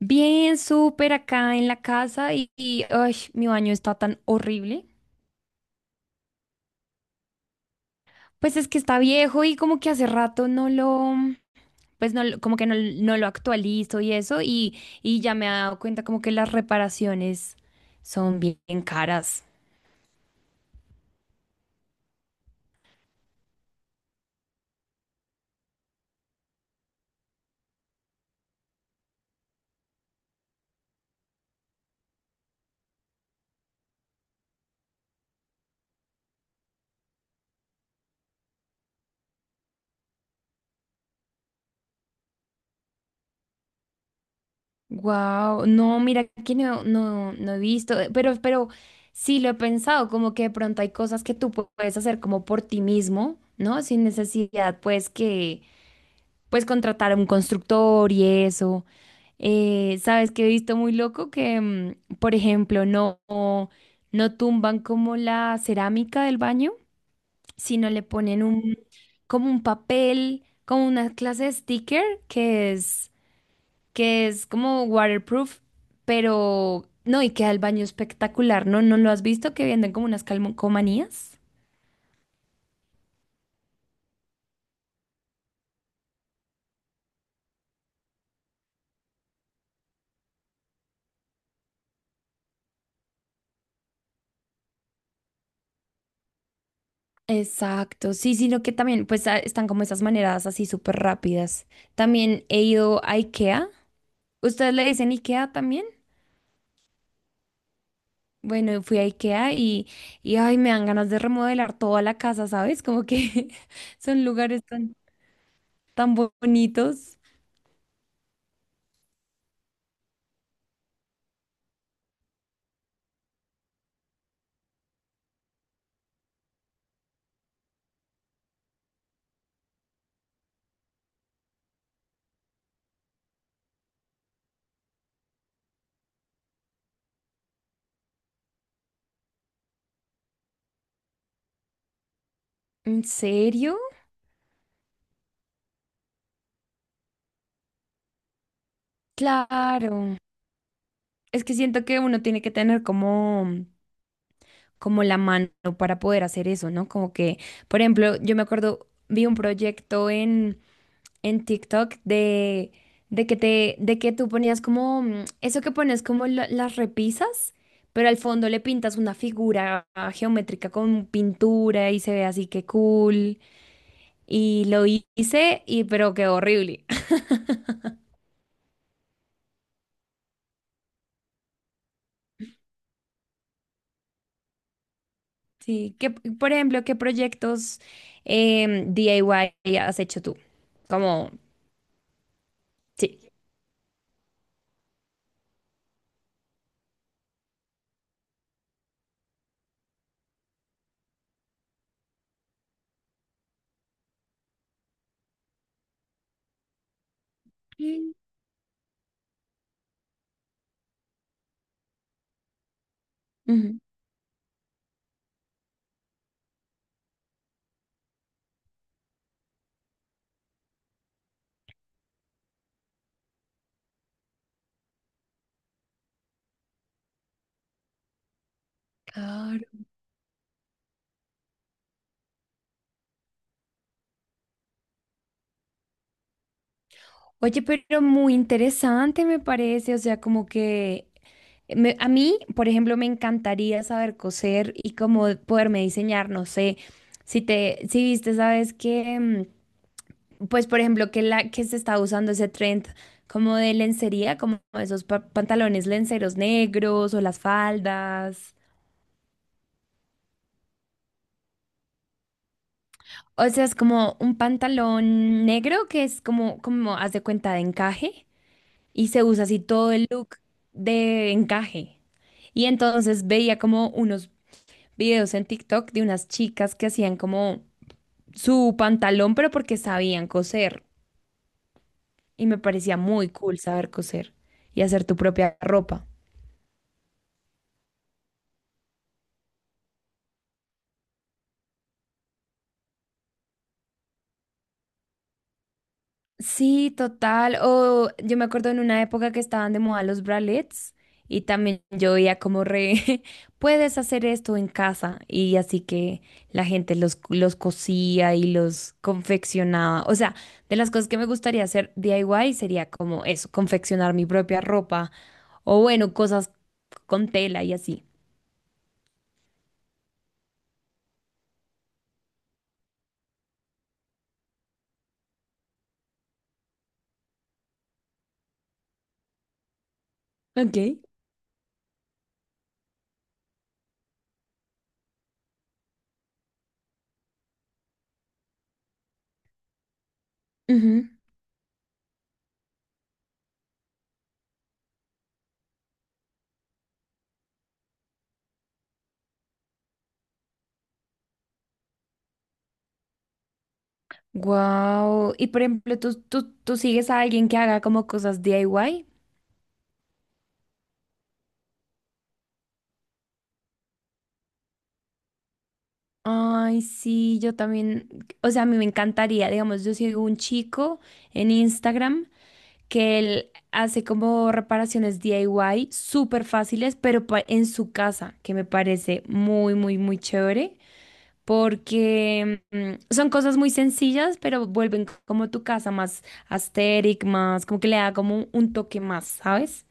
Bien, súper acá en la casa ay, mi baño está tan horrible. Pues es que está viejo y como que hace rato no lo, pues no, lo- como que no lo actualizo y eso y ya me he dado cuenta como que las reparaciones son bien caras. Wow, no, mira que no he visto, pero sí lo he pensado, como que de pronto hay cosas que puedes hacer como por ti mismo, ¿no? Sin necesidad, pues contratar a un constructor y eso. ¿Sabes qué he visto muy loco? Que, por ejemplo, no tumban como la cerámica del baño, sino le ponen como un papel, como una clase de sticker que es como waterproof, pero no, y queda el baño espectacular, ¿no? ¿No lo has visto que venden como unas calcomanías? Exacto, sí, sino que también pues están como esas maneras así súper rápidas. También he ido a IKEA. ¿Ustedes le dicen IKEA también? Bueno, fui a IKEA y ay, me dan ganas de remodelar toda la casa, ¿sabes? Como que son lugares tan, bonitos. ¿En serio? Claro. Es que siento que uno tiene que tener como, como la mano para poder hacer eso, ¿no? Como que, por ejemplo, yo me acuerdo, vi un proyecto en TikTok de que tú ponías como, eso que pones como las repisas, pero al fondo le pintas una figura geométrica con pintura y se ve así que cool. Y lo hice y pero quedó horrible. Sí, que, por ejemplo, ¿qué proyectos DIY has hecho tú? Como, sí. Mm, ujú. Oye, pero muy interesante me parece, o sea, como que a mí, por ejemplo, me encantaría saber coser y como poderme diseñar, no sé, si viste, sabes que, pues, por ejemplo, que la que se está usando ese trend como de lencería, como esos pantalones lenceros negros o las faldas. O sea, es como un pantalón negro que es haz de cuenta de encaje. Y se usa así todo el look de encaje. Y entonces veía como unos videos en TikTok de unas chicas que hacían como su pantalón, pero porque sabían coser. Y me parecía muy cool saber coser y hacer tu propia ropa. Sí, total. O yo me acuerdo en una época que estaban de moda los bralets y también yo veía como puedes hacer esto en casa y así que la gente los cosía y los confeccionaba. O sea, de las cosas que me gustaría hacer DIY sería como eso, confeccionar mi propia ropa o bueno, cosas con tela y así. Ok. Wow. Y por ejemplo, ¿tú sigues a alguien que haga como cosas DIY? Ay, sí, yo también, o sea, a mí me encantaría, digamos, yo sigo un chico en Instagram que él hace como reparaciones DIY súper fáciles, pero en su casa, que me parece muy chévere, porque son cosas muy sencillas, pero vuelven como tu casa más asteric, más, como que le da como un toque más, ¿sabes?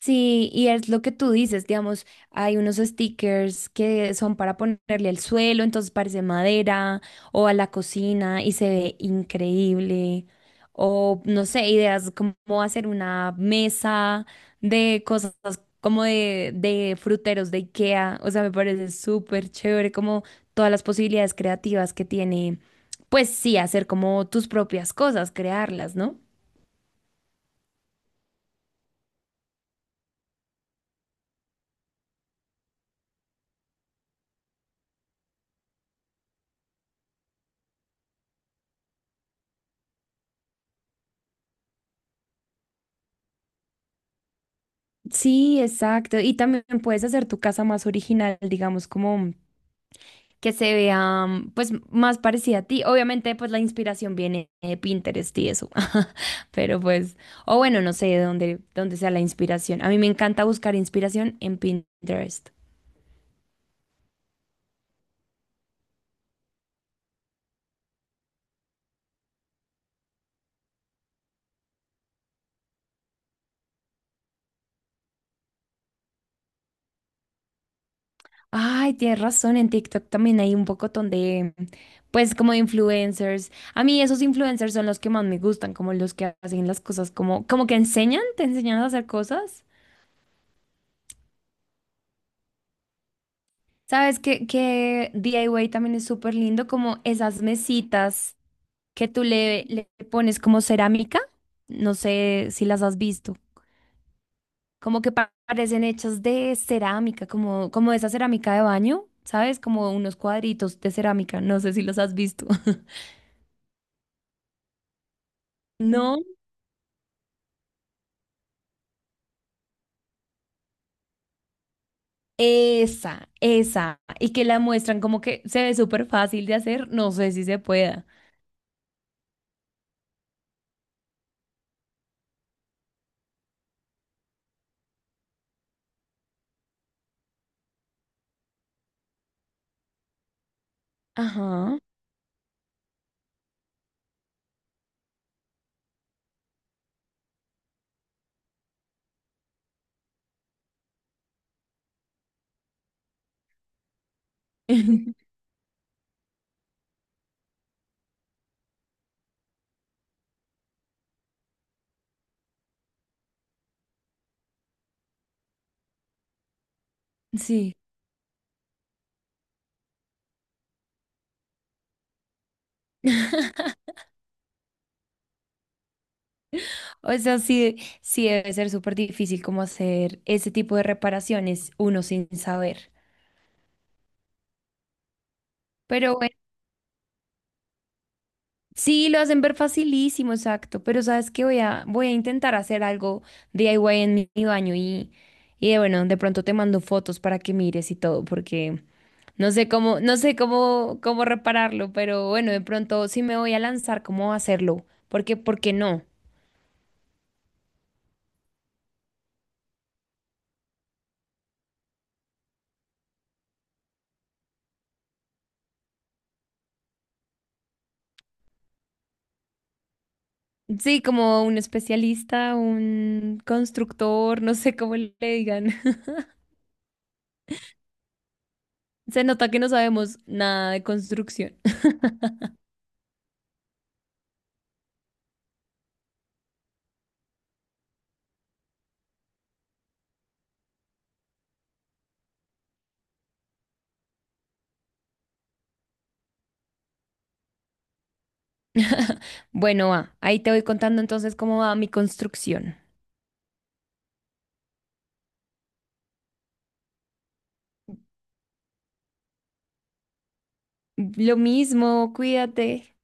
Sí, y es lo que tú dices, digamos, hay unos stickers que son para ponerle al suelo, entonces parece madera, o a la cocina y se ve increíble, o no sé, ideas como hacer una mesa de cosas como de fruteros de IKEA, o sea, me parece súper chévere como todas las posibilidades creativas que tiene, pues sí, hacer como tus propias cosas, crearlas, ¿no? Sí, exacto. Y también puedes hacer tu casa más original, digamos, como que se vea pues más parecida a ti. Obviamente, pues la inspiración viene de Pinterest y eso. Pero pues, o bueno, no sé de dónde, dónde sea la inspiración. A mí me encanta buscar inspiración en Pinterest. Ay, tienes razón, en TikTok también hay un pocotón de, pues, como de influencers. A mí esos influencers son los que más me gustan, como los que hacen las cosas como, como que enseñan, te enseñan a hacer cosas. Sabes que DIY también es súper lindo, como esas mesitas que le pones como cerámica. No sé si las has visto. Como que parecen hechas de cerámica, como, como esa cerámica de baño, ¿sabes? Como unos cuadritos de cerámica. No sé si los has visto. No, esa. Y que la muestran como que se ve súper fácil de hacer. No sé si se pueda. Ajá. Sí. O sea, sí, sí debe ser súper difícil como hacer ese tipo de reparaciones uno sin saber. Pero bueno, sí, lo hacen ver facilísimo, exacto. Pero sabes que voy a intentar hacer algo DIY en mi baño y bueno, de pronto te mando fotos para que mires y todo, porque no sé cómo, cómo repararlo, pero bueno, de pronto sí me voy a lanzar cómo hacerlo, porque, ¿por qué no? Sí, como un especialista, un constructor, no sé cómo le digan. Se nota que no sabemos nada de construcción. Bueno, va, ahí te voy contando entonces cómo va mi construcción. Lo mismo, cuídate.